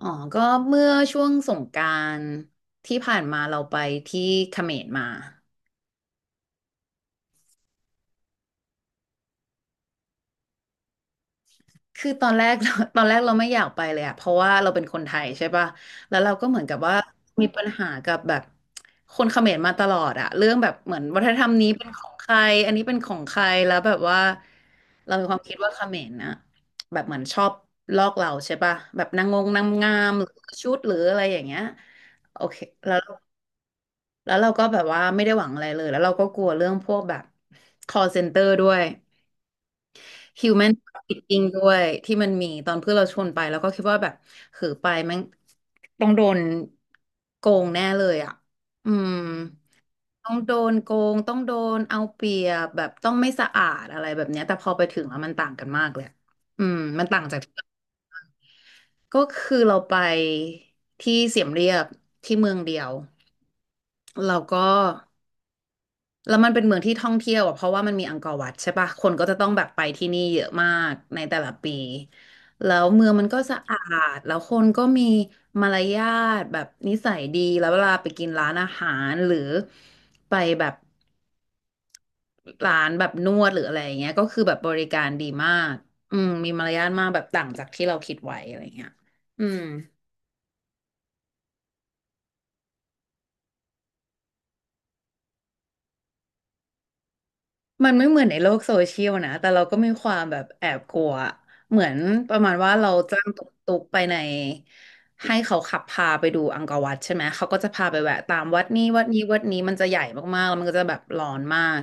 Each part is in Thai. อ๋อก็เมื่อช่วงสงกรานต์ที่ผ่านมาเราไปที่เขมรมา คือตอนแรก ตอนแรกเราไม่อยากไปเลยอะเพราะว่าเราเป็นคนไทยใช่ปะแล้วเราก็เหมือนกับว่ามีปัญหากับแบบคนเขมรมาตลอดอะเรื่องแบบเหมือนวัฒนธรรมนี้เป็นของใครอันนี้เป็นของใครแล้วแบบว่าเรามีความคิดว่าเขมรนะแบบเหมือนชอบลอกเราใช่ปะแบบนางงงนางงามหรือชุดหรืออะไรอย่างเงี้ยโอเคแล้ว แล้วเราก็แบบว่าไม่ได้หวังอะไรเลยแล้วเราก็กลัวเรื่องพวกแบบ call center ด้วย human trafficking ด้วยที่มันมีตอนเพื่อนเราชวนไปแล้วก็คิดว่าแบบหือไปแมังต้องโดนโกงแน่เลยอ่ะอืมต้องโดนโกงต้องโดนเอาเปรียบแบบต้องไม่สะอาดอะไรแบบเนี้ยแต่พอไปถึงแล้วมันต่างกันมากเลยอะอืมมันต่างจากก็คือเราไปที่เสียมเรียบที่เมืองเดียวเราก็ แล้วมันเป็นเมืองที่ท่องเที่ยวอะเพราะว่ามันมีอังกอร์วัดใช่ปะคนก็จะต้องแบบไปที่นี่เยอะมากในแต่ละปี แล้วเมืองมันก็สะอาดแล้วคนก็มีมารยาทแบบนิสัยดี แล้วเวลาไปกินร้านอาหารหรือไปแบบร้านแบบนวดหรืออะไรอย่างเงี้ยก็คือแบบบริการดีมากอืมมีมารยาทมากแบบต่างจากที่เราคิดไว้อะไรอย่างเงี้ยอืม มันไม่เหมือนในโลกโซเชียลนะ แต่เราก็มีความแบบแอบกลัว เหมือนประมาณว่าเราจ้างตุ๊กๆไปในให้เขาขับพาไปดูอังกอร์วัดใช่ไหม เขาก็จะพาไปแวะตามวัดนี้วัดนี้วัดนี้มันจะใหญ่มากๆแล้วมันก็จะแบบร้อนมาก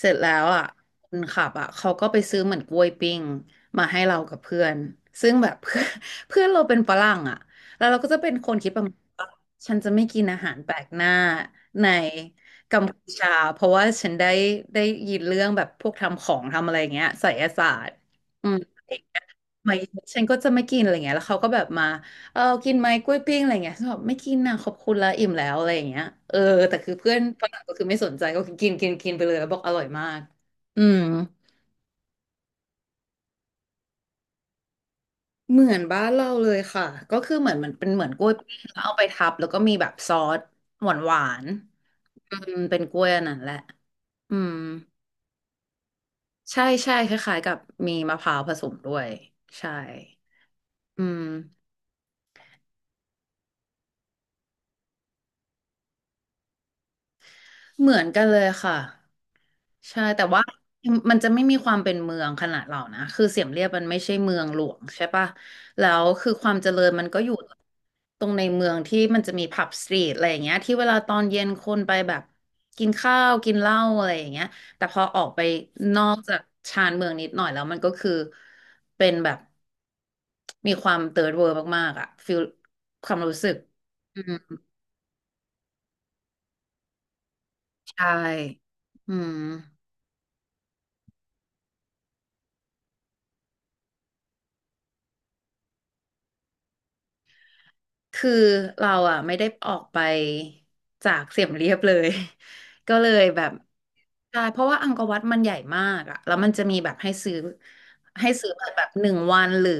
เสร็จแล้วอ่ะคนขับอ่ะเขาก็ไปซื้อเหมือนกล้วยปิ้งมาให้เรากับเพื่อน ซึ่งแบบเพื่อน เพื่อนเราเป็นฝรั่งอ่ะแล้วเราก็จะเป็นคนคิดประมาณว่าฉันจะไม่กินอาหารแปลกหน้าใน กัมพูชาเพราะว่าฉันได้ยินเรื่องแบบพวกทำของทำอะไรอย่างเงี้ยไสยศาสตร์อืมอะไรอย่างเงี้ยไหมฉันก็จะไม่กินอะไรเงี้ยแล้วเขาก็แบบมาเออกินไหมกล้วยปิ้งอะไรเงี้ยฉันบอกไม่กินนะขอบคุณละอิ่มแล้วอะไรอย่างเงี้ยเออแต่คือเพื่อนฝรั่งก็คือไม่สนใจก็คือกินกินกินไปเลยแล้วบอกอร่อยมากอืมเหมือนบ้านเราเลยค่ะก็คือเหมือนมันเป็นเหมือนกล้วยปิ้งแล้วเอาไปทับแล้วก็มีแบบซอสหวานหวานอืมเป็นกล้วยอันนั้นแหละอืม ใช่ใช่คล้ายๆกับมีมะพร้าวผสมด้วยใช่อืมเหมือนกันเลยค่ะ ใช่แต่ว่ามันจะไม่มีความเป็นเมืองขนาดเรานะคือเสียมเรียบมันไม่ใช่เมืองหลวงใช่ปะแล้วคือความเจริญมันก็อยู่ตรงในเมืองที่มันจะมีผับสตรีทอะไรอย่างเงี้ยที่เวลาตอนเย็นคนไปแบบกินข้าวกินเหล้าอะไรอย่างเงี้ยแต่พอออกไปนอกจากชานเมืองนิดหน่อยแล้วมันก็คือเป็นแบบมีความเติร์ดเวิลด์มากๆอะฟิลความรู้สึกอืมใช่อืม คือเราอ่ะไม่ได้ออกไปจากเสียมเรียบเลย ก็เลยแบบ ใช่เพราะว่าอังกอร์วัดมันใหญ่มากอะแล้วมันจะมีแบบให้ซื้อแบบ1 วันหรือ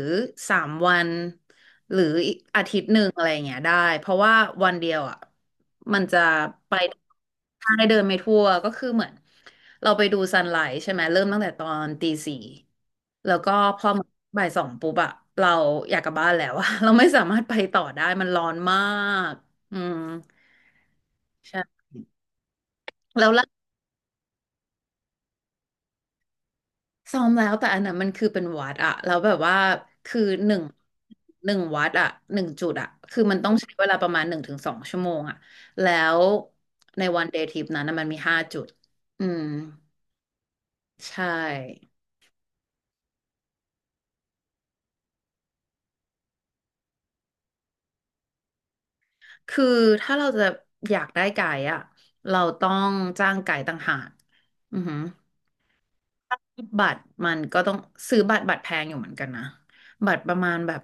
3 วันหรืออีกอาทิตย์หนึ่งอะไรอย่างเงี้ยได้เพราะว่าวันเดียวอะมันจะไปทางได้เดินไม่ทั่วก็คือเหมือนเราไปดูซันไลท์ใช่ไหมเริ่มตั้งแต่ตอนตี 4แล้วก็พอบ่าย 2ปุ๊บอะเราอยากกลับบ้านแล้วอะ เราไม่สามารถไปต่อได้มันร้อนมากอืมใช่แล้ว ซ้อมแล้วแต่อันนั้นมันคือเป็นวัดอะแล้วแบบว่าคือหนึ่งหนึ่งวัดอะหนึ่งจุดอะคือมันต้องใช้เวลาประมาณ1 ถึง 2 ชั่วโมงอะแล้วในวันเดย์ทริปนั้นน่ะมันมี5 จุดอืมใช่คือถ้าเราจะอยากได้ไก่อะเราต้องจ้างไก่ต่างหากอือหือ บัตรมันก็ต้องซื้อบัตรแพงอยู่เหมือนกันนะบัตรประมาณแบบ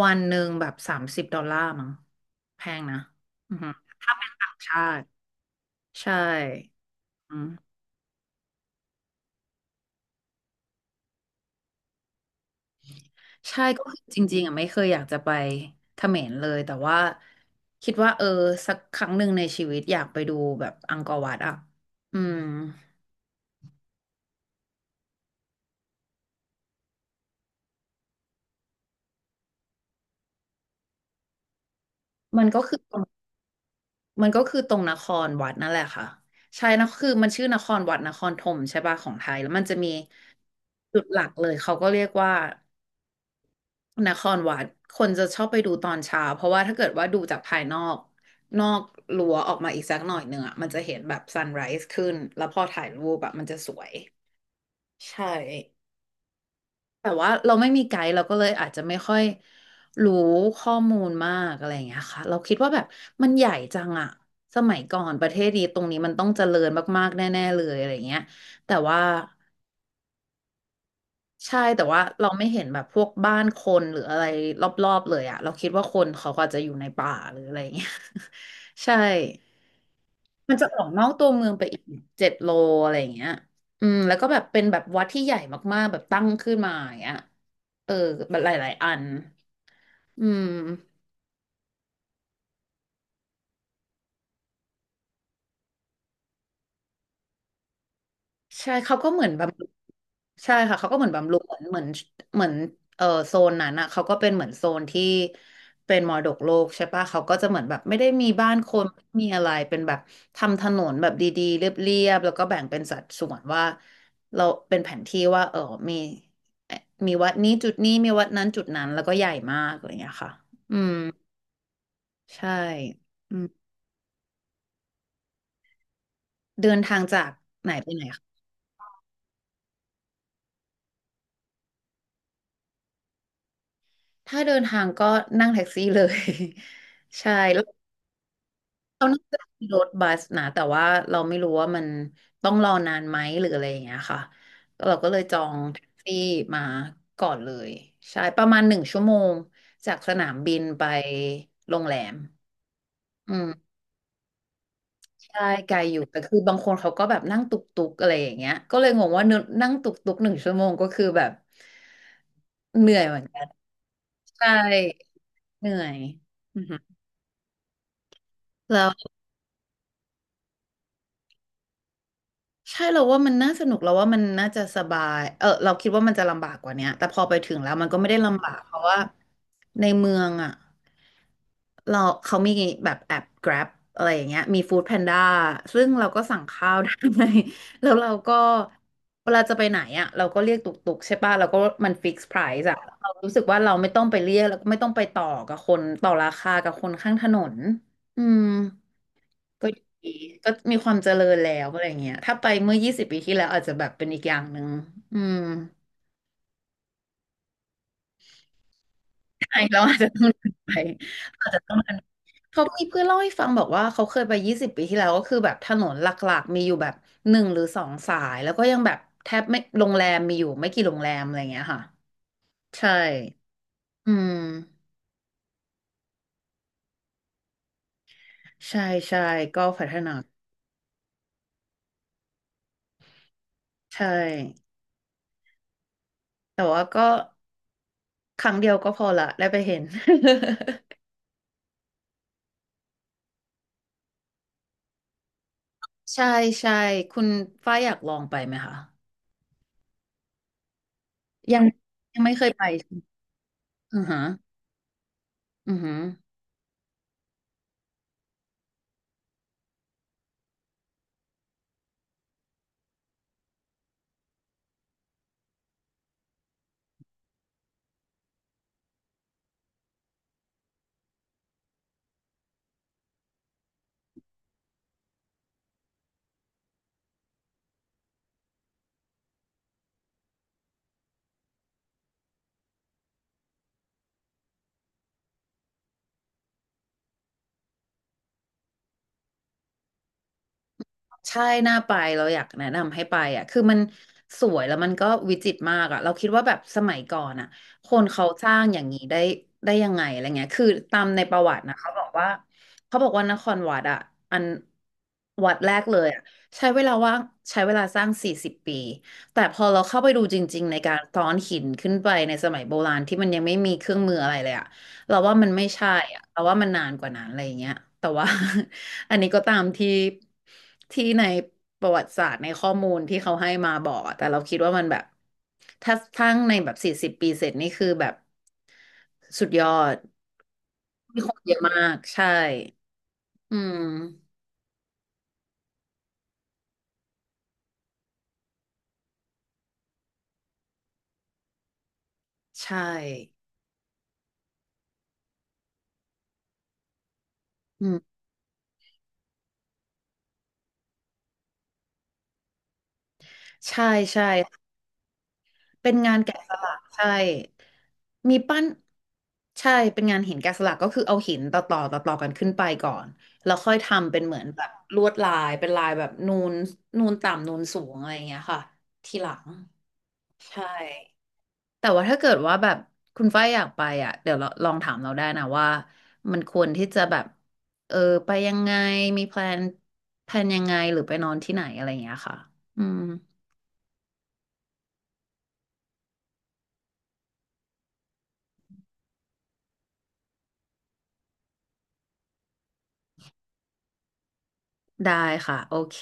วันหนึ่งแบบ30 ดอลลาร์มั้งแพงนะอือฮึถ้าเป็นต่างชาติใช่อืมใช่ก็คือจริงๆอ่ะไม่เคยอยากจะไปเขมรเลยแต่ว่าคิดว่าเออสักครั้งหนึ่งในชีวิตอยากไปดูแบบอังกอร์วัดอ่ะอืมมันก็คือ มันก็คือตรงนครวัดนั่นแหละค่ะใช่นะคือมันชื่อนครวัดนครธมใช่ป่ะของไทยแล้วมันจะมีจุดหลักเลยเขาก็เรียกว่านครวัดคนจะชอบไปดูตอนเช้าเพราะว่าถ้าเกิดว่าดูจากภายนอกรั้วออกมาอีกสักหน่อยหนึ่งอ่ะมันจะเห็นแบบซันไร s ์ขึ้นแล้วพอถ่ายรูปแบบมันจะสวยใช่ แต่ว่าเราไม่มีไกด์เราก็เลยอาจจะไม่ค่อยรู้ข้อมูลมากอะไรอย่างเงี้ยค่ะเราคิดว่าแบบมันใหญ่จังอะสมัยก่อนประเทศนี้ตรงนี้มันต้องเจริญมากๆแน่ๆเลยอะไรอย่างเงี้ยแต่ว่าใช่แต่ว่าเราไม่เห็นแบบพวกบ้านคนหรืออะไรรอบๆเลยอะเราคิดว่าคนเขาก็อาจจะอยู่ในป่าหรืออะไรอย่างเงี้ย ใช่มันจะออกนอกตัวเมืองไปอีก7 โลอะไรอย่างเงี้ยอืมแล้วก็แบบเป็นแบบวัดที่ใหญ่มากๆแบบตั้งขึ้นมาอย่างเงี้ยเออแบบหลายๆอัน อืมใช่เขาก็เหมือนบำรุงใช่ค่ะเขาก็เหมือนบำรุงเหมือนเออโซนนั้นอ่ะเขาก็เป็นเหมือนโซนที่เป็นมรดกโลกใช่ปะเขาก็จะเหมือนแบบไม่ได้มีบ้านคนไม่มีอะไรเป็นแบบทำถนนแบบดีๆเรียบๆแล้วก็แบ่งเป็นสัดส่วนว่าเราเป็นแผนที่ว่าเออมีเอ่อมีวัดนี้จุดนี้มีวัดนั้นจุดนั้นแล้วก็ใหญ่มากอะไรอย่างเงี้ยค่ะอืมใช่อืมเดินทางจากไหนไปไหน ถ้าเดินทางก็นั่งแท็กซี่เลย ใช่แล้วเราน่าจะมีรถบัสนะแต่ว่าเราไม่รู้ว่ามันต้องรอนานไหมหรืออะไรอย่างเงี้ยค่ะเราก็เลยจองแท็กซี่มาก่อนเลยใช่ประมาณหนึ่งชั่วโมงจากสนามบินไปโรงแรมอืมใช่ไกลอยู่แต่คือบางคนเขาก็แบบนั่งตุกตุกอะไรอย่างเงี้ยก็เลยงงว่าเนอะนั่งตุกตุกหนึ่งชั่วโมงก็คือแบบเหนื่อยเหมือนกันใช่เหนื่อยอือฮึแล้ว ใช่เราว่ามันน่าสนุกเราว่ามันน่าจะสบายเออเราคิดว่ามันจะลำบากกว่าเนี้ยแต่พอไปถึงแล้วมันก็ไม่ได้ลำบากเพราะว่าในเมืองอ่ะเราเขามีแบบแอป Grab อะไรอย่างเงี้ยมี Food Panda ซึ่งเราก็สั่งข้าวได้ แล้วเราก็เวลาจะไปไหนอ่ะเราก็เรียกตุกตุกใช่ป่ะเราก็มันฟิกซ์ไพรซ์อ่ะเรารู้สึกว่าเราไม่ต้องไปเรียกแล้วก็ไม่ต้องไปต่อกับคนต่อราคากับคนข้างถนนอืม ก็ดีก็มีความเจริญแล้วอะไรเงี้ยถ้าไปเมื่อยี่สิบปีที่แล้วอาจจะแบบเป็นอีกอย่างหนึ่งอืมใช่เราอาจจะต้องเดินไปอาจจะต้องเดินเขามีเพื่อนเล่าให้ฟังบอกว่าเขาเคยไปยี่สิบปีที่แล้วก็คือแบบถนนหลักๆมีอยู่แบบ1 หรือ 2 สายแล้วก็ยังแบบแทบไม่โรงแรมมีอยู่ไม่กี่โรงแรมอะไรเงี้ยค่ะใช่อืมใช่ใช่ก็พัฒนาใช่แต่ว่าก็ครั้งเดียวก็พอละได้ไปเห็น ใช่ใช่คุณฝ้ายอยากลองไปไหมคะยังยังไม่เคยไปใช่ไหมอือฮะอือฮะใช่น่าไปเราอยากแนะนำให้ไปอ่ะคือมันสวยแล้วมันก็วิจิตรมากอ่ะเราคิดว่าแบบสมัยก่อนอ่ะคนเขาสร้างอย่างนี้ได้ยังไงอะไรเงี้ยคือตามในประวัตินะเขาบอกว่าเขาบอกว่านครวัดอ่ะอันวัดแรกเลยอ่ะใช้เวลาว่างใช้เวลาสร้างสี่สิบปีแต่พอเราเข้าไปดูจริงๆในการซ้อนหินขึ้นไปในสมัยโบราณที่มันยังไม่มีเครื่องมืออะไรเลยอะ เราว่ามันไม่ใช่อะเราว่ามันนานกว่านั้นอะไรอย่างเงี้ยแต่ว่า อันนี้ก็ตามที่ในประวัติศาสตร์ในข้อมูลที่เขาให้มาบอกอะแต่เราคิดว่ามันแบบถ้าทั้งในแบบสี่สิบปีเสร็จนี่คือแบบสุดยอดมีคนเยอะมากใช่อืมใช่อืมใช่ใช่ เป็นงานแกะสลักใช่ มีปั้นใช่เป็นงานหินแกะสลักก็คือเอาหินต่อต่อต่อต่อกันขึ้นไปก่อนแล้วค่อยทำเป็นเหมือนแบบลวดลายเป็นลายแบบนูนนูนต่ำนูนสูงอะไรอย่างเงี้ยค่ะทีหลังใช่แต่ว่าถ้าเกิดว่าแบบคุณฝ้ายอยากไปอ่ะเดี๋ยวเราลองถามเราได้นะว่ามันควรที่จะแบบเออไปยังไงมีแพลนยังไงหรือไปนอนที่ไหนอะไรอย่างเงี้ยค่ะอืมได้ค่ะโอเค